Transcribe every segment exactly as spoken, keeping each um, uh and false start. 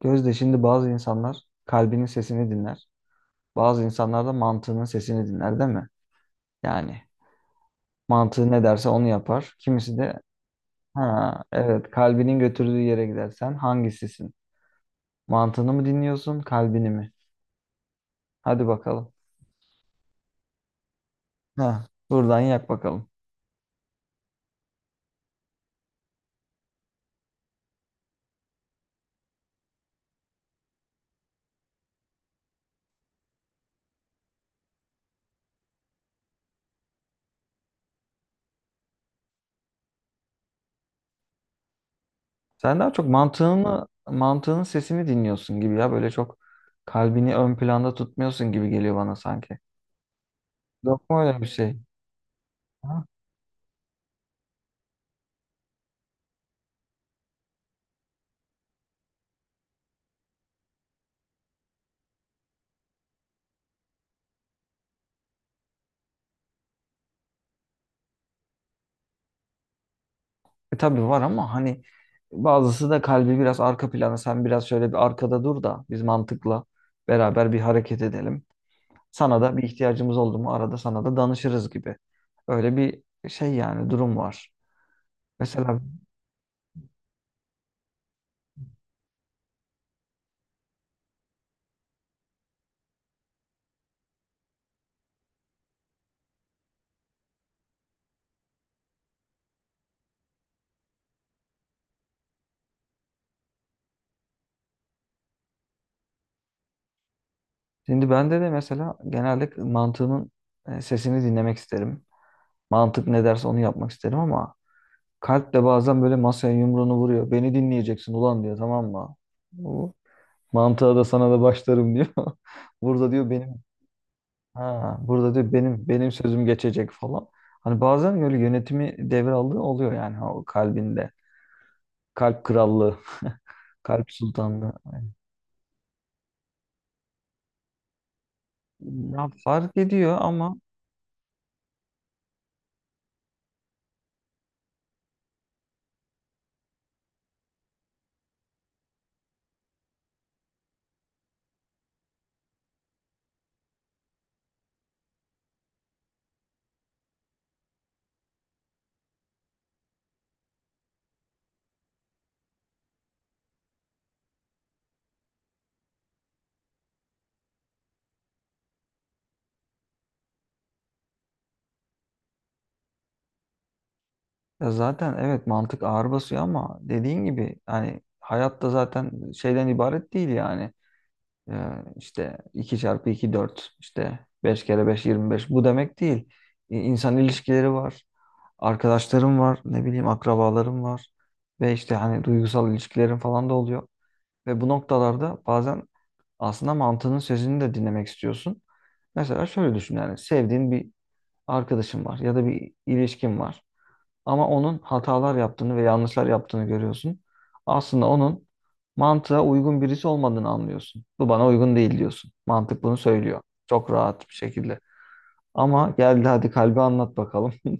Gözde şimdi bazı insanlar kalbinin sesini dinler. Bazı insanlar da mantığının sesini dinler, değil mi? Yani mantığı ne derse onu yapar. Kimisi de ha, evet, kalbinin götürdüğü yere gidersen hangisisin? Mantığını mı dinliyorsun, kalbini mi? Hadi bakalım. Ha, buradan yak bakalım. Sen daha çok mantığını, mantığının sesini dinliyorsun gibi ya. Böyle çok kalbini ön planda tutmuyorsun gibi geliyor bana sanki. Yok mu öyle bir şey? E, tabii var, ama hani bazısı da kalbi biraz arka plana, sen biraz şöyle bir arkada dur da biz mantıkla beraber bir hareket edelim. Sana da bir ihtiyacımız oldu mu arada sana da danışırız gibi. Öyle bir şey yani, durum var. Mesela şimdi bende de mesela genelde mantığımın e, sesini dinlemek isterim. Mantık ne derse onu yapmak isterim, ama kalp de bazen böyle masaya yumruğunu vuruyor. Beni dinleyeceksin ulan diyor, tamam mı? Bu mantığa da sana da başlarım diyor. Burada diyor benim. Ha, burada diyor benim benim sözüm geçecek falan. Hani bazen böyle yönetimi devraldığı oluyor yani o kalbinde. Kalp krallığı, kalp sultanlığı. Ya fark ediyor, ama ya zaten evet, mantık ağır basıyor, ama dediğin gibi hani hayatta zaten şeyden ibaret değil yani. Ee, işte iki çarpı iki dört, işte beş kere beş yirmi beş. Bu demek değil. İ- İnsan ilişkileri var. Arkadaşlarım var, ne bileyim, akrabalarım var ve işte hani duygusal ilişkilerim falan da oluyor. Ve bu noktalarda bazen aslında mantığının sözünü de dinlemek istiyorsun. Mesela şöyle düşün, yani sevdiğin bir arkadaşın var ya da bir ilişkin var. Ama onun hatalar yaptığını ve yanlışlar yaptığını görüyorsun. Aslında onun mantığa uygun birisi olmadığını anlıyorsun. Bu bana uygun değil diyorsun. Mantık bunu söylüyor. Çok rahat bir şekilde. Ama geldi, hadi kalbi anlat bakalım.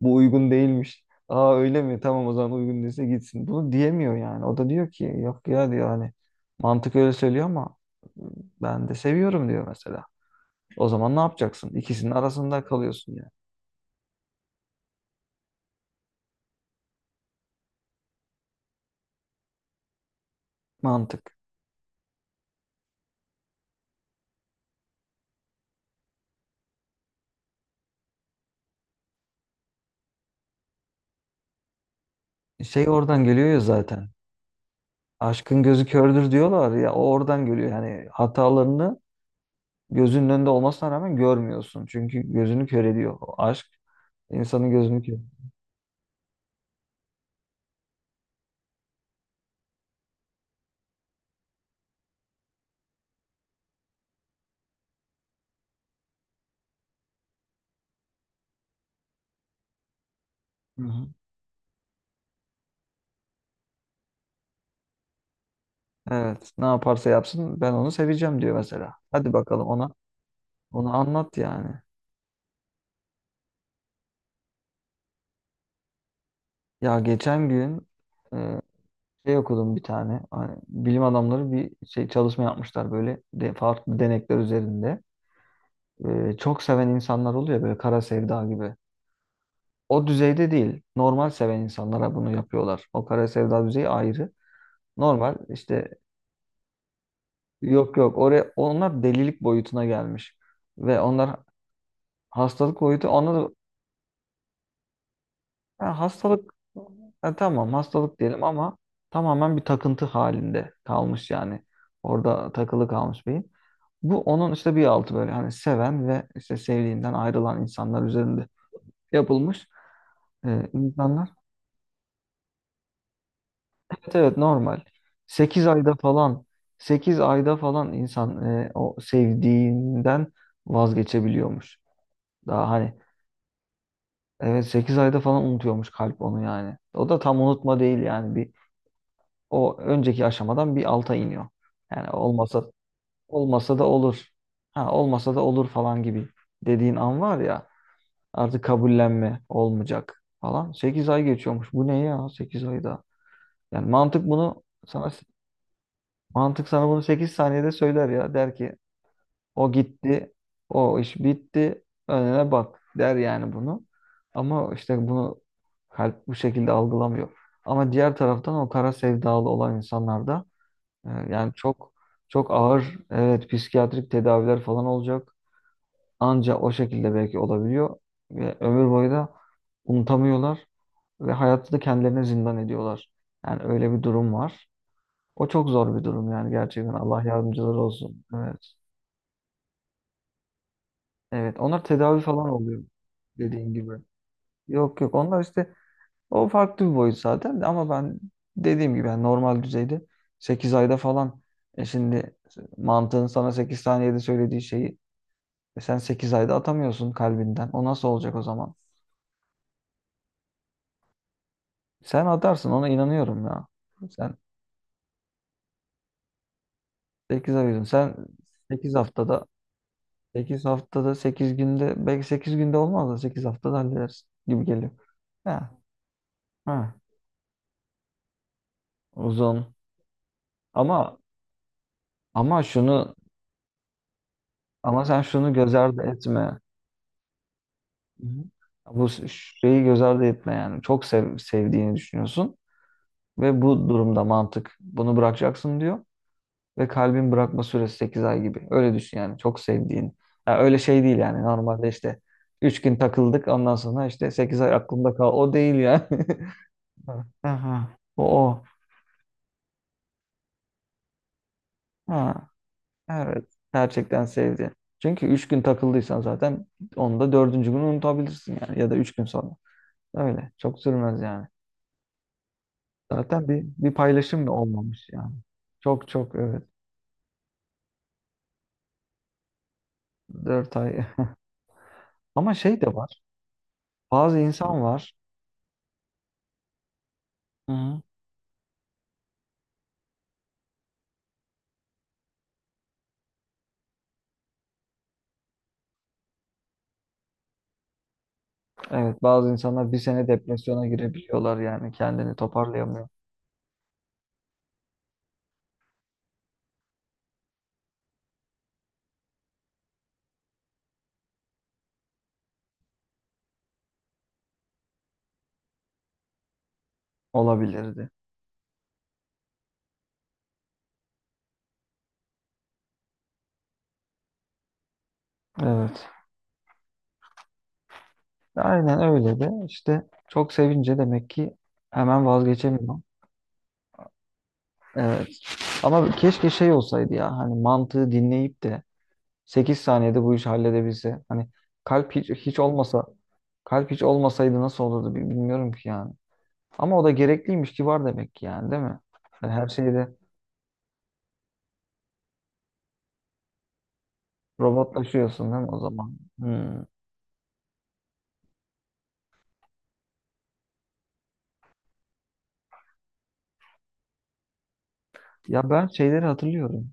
Bu uygun değilmiş. Aa, öyle mi? Tamam, o zaman uygun değilse gitsin. Bunu diyemiyor yani. O da diyor ki yok ya diyor, hani mantık öyle söylüyor ama ben de seviyorum diyor mesela. O zaman ne yapacaksın? İkisinin arasında kalıyorsun yani. Mantık. Şey oradan geliyor ya zaten. Aşkın gözü kördür diyorlar ya, o oradan görüyor. Yani hatalarını gözünün önünde olmasına rağmen görmüyorsun. Çünkü gözünü kör ediyor. O aşk insanın gözünü kör. Hı hı. Evet, ne yaparsa yapsın ben onu seveceğim diyor mesela. Hadi bakalım, ona onu anlat yani. Ya geçen gün e, şey okudum bir tane. Hani bilim adamları bir şey, çalışma yapmışlar böyle de, farklı denekler üzerinde. E, çok seven insanlar oluyor böyle kara sevda gibi. O düzeyde değil. Normal seven insanlara bunu yapıyorlar. O kara sevda düzeyi ayrı. Normal işte, yok yok, oraya onlar delilik boyutuna gelmiş. Ve onlar hastalık boyutu onlar, ha, hastalık, ha, tamam hastalık diyelim ama tamamen bir takıntı halinde kalmış yani. Orada takılı kalmış beyin. Bu onun işte bir altı böyle hani seven ve işte sevdiğinden ayrılan insanlar üzerinde yapılmış. Ee, insanlar evet evet, normal. sekiz ayda falan sekiz ayda falan insan e, o sevdiğinden vazgeçebiliyormuş. Daha hani evet, sekiz ayda falan unutuyormuş kalp onu yani. O da tam unutma değil yani bir, o önceki aşamadan bir alta iniyor. Yani olmasa olmasa da olur. Ha, olmasa da olur falan gibi dediğin an var ya, artık kabullenme olmayacak falan. Sekiz ay geçiyormuş. Bu ne ya sekiz ayda? Yani mantık bunu sana Mantık sana bunu sekiz saniyede söyler ya. Der ki o gitti, o iş bitti, önüne bak der yani bunu. Ama işte bunu kalp bu şekilde algılamıyor. Ama diğer taraftan o kara sevdalı olan insanlarda e, yani çok çok ağır, evet, psikiyatrik tedaviler falan olacak. Anca o şekilde belki olabiliyor ve ömür boyu da unutamıyorlar ve hayatı da kendilerine zindan ediyorlar. Yani öyle bir durum var. O çok zor bir durum yani, gerçekten. Allah yardımcıları olsun. Evet. Evet. Onlar tedavi falan oluyor dediğin gibi. Yok yok. Onlar işte o farklı bir boyut zaten de, ama ben dediğim gibi yani normal düzeyde sekiz ayda falan, e şimdi mantığın sana sekiz saniyede söylediği şeyi e sen sekiz ayda atamıyorsun kalbinden. O nasıl olacak o zaman? Sen atarsın, ona inanıyorum ya. Sen sekiz ay diyorsun. Sen sekiz haftada sekiz haftada sekiz günde belki sekiz günde olmaz da sekiz haftada hallederiz gibi geliyor. Ha, ha, Uzun. Ama ama şunu Ama sen şunu göz ardı etme. Hı hı. Bu şeyi göz ardı etme yani. Çok sev, sevdiğini düşünüyorsun ve bu durumda mantık bunu bırakacaksın diyor ve kalbin bırakma süresi sekiz ay gibi. Öyle düşün yani çok sevdiğini. Ya öyle şey değil yani, normalde işte üç gün takıldık, ondan sonra işte sekiz ay aklımda kal. O değil yani. Aha. O o. Ha, evet. Gerçekten sevdi. Çünkü üç gün takıldıysan zaten onu da dördüncü gün unutabilirsin yani. Ya da üç gün sonra. Öyle. Çok sürmez yani. Zaten bir, bir paylaşım da olmamış yani. Çok çok evet. Dört ay. Ama şey de var. Bazı insan var. Hı hı. Evet, bazı insanlar bir sene depresyona girebiliyorlar yani. Kendini toparlayamıyor. Olabilirdi. Evet. Aynen öyle de işte çok sevince demek ki hemen vazgeçemiyor. Evet. Ama keşke şey olsaydı ya, hani mantığı dinleyip de sekiz saniyede bu işi halledebilse. Hani kalp hiç, hiç olmasa kalp hiç olmasaydı nasıl olurdu, bi- bilmiyorum ki yani. Ama o da gerekliymiş ki var demek ki yani, değil mi? Yani her şeyde robotlaşıyorsun değil mi o zaman? Hmm. Ya ben şeyleri hatırlıyorum.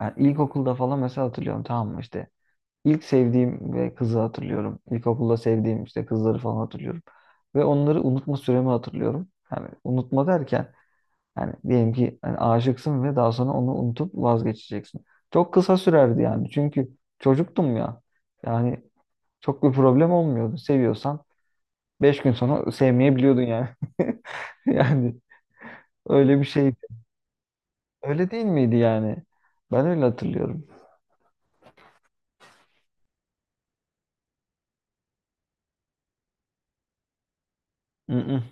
Yani ilkokulda falan mesela hatırlıyorum, tamam mı işte. İlk sevdiğim ve kızı hatırlıyorum. İlkokulda sevdiğim işte kızları falan hatırlıyorum. Ve onları unutma süremi hatırlıyorum. Yani unutma derken, yani diyelim ki hani aşıksın ve daha sonra onu unutup vazgeçeceksin. Çok kısa sürerdi yani. Çünkü çocuktum ya. Yani çok bir problem olmuyordu. Seviyorsan beş gün sonra sevmeyebiliyordun yani. Yani öyle bir şeydi. Öyle değil miydi yani? Ben öyle hatırlıyorum. Mm-mm.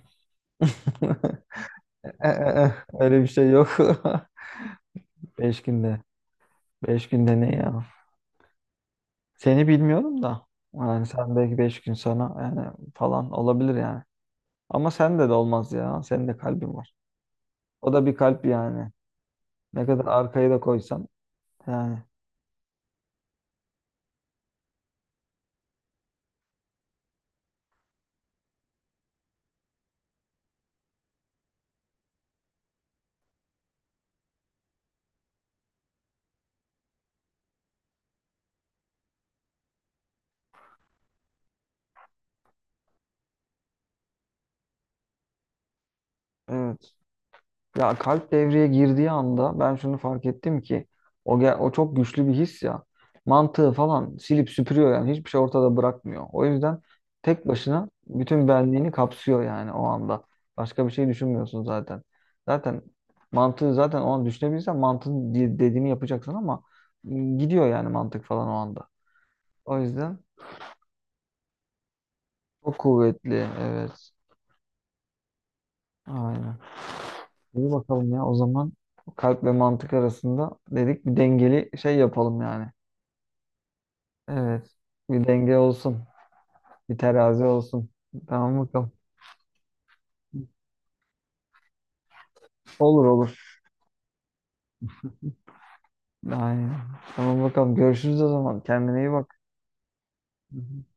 E, e, e. Öyle bir şey yok. Beş günde. Beş günde ne ya? Seni bilmiyorum da. Yani sen belki beş gün sonra yani falan olabilir yani. Ama sende de olmaz ya. Senin de kalbin var. O da bir kalp yani. Ne kadar arkaya da koysan. Yani evet. Ya kalp devreye girdiği anda ben şunu fark ettim ki o ge- o çok güçlü bir his ya. Mantığı falan silip süpürüyor yani. Hiçbir şey ortada bırakmıyor. O yüzden tek başına bütün benliğini kapsıyor yani o anda. Başka bir şey düşünmüyorsun zaten. Zaten mantığı zaten O an düşünebilirsen mantığın di- dediğini yapacaksın, ama gidiyor yani mantık falan o anda. O yüzden çok kuvvetli, evet. Aynen. İyi bakalım ya, o zaman kalp ve mantık arasında dedik, bir dengeli şey yapalım yani. Evet. Bir denge olsun. Bir terazi olsun. Tamam bakalım. Olur olur. Aynen. Tamam bakalım. Görüşürüz o zaman. Kendine iyi bak. Hı hı.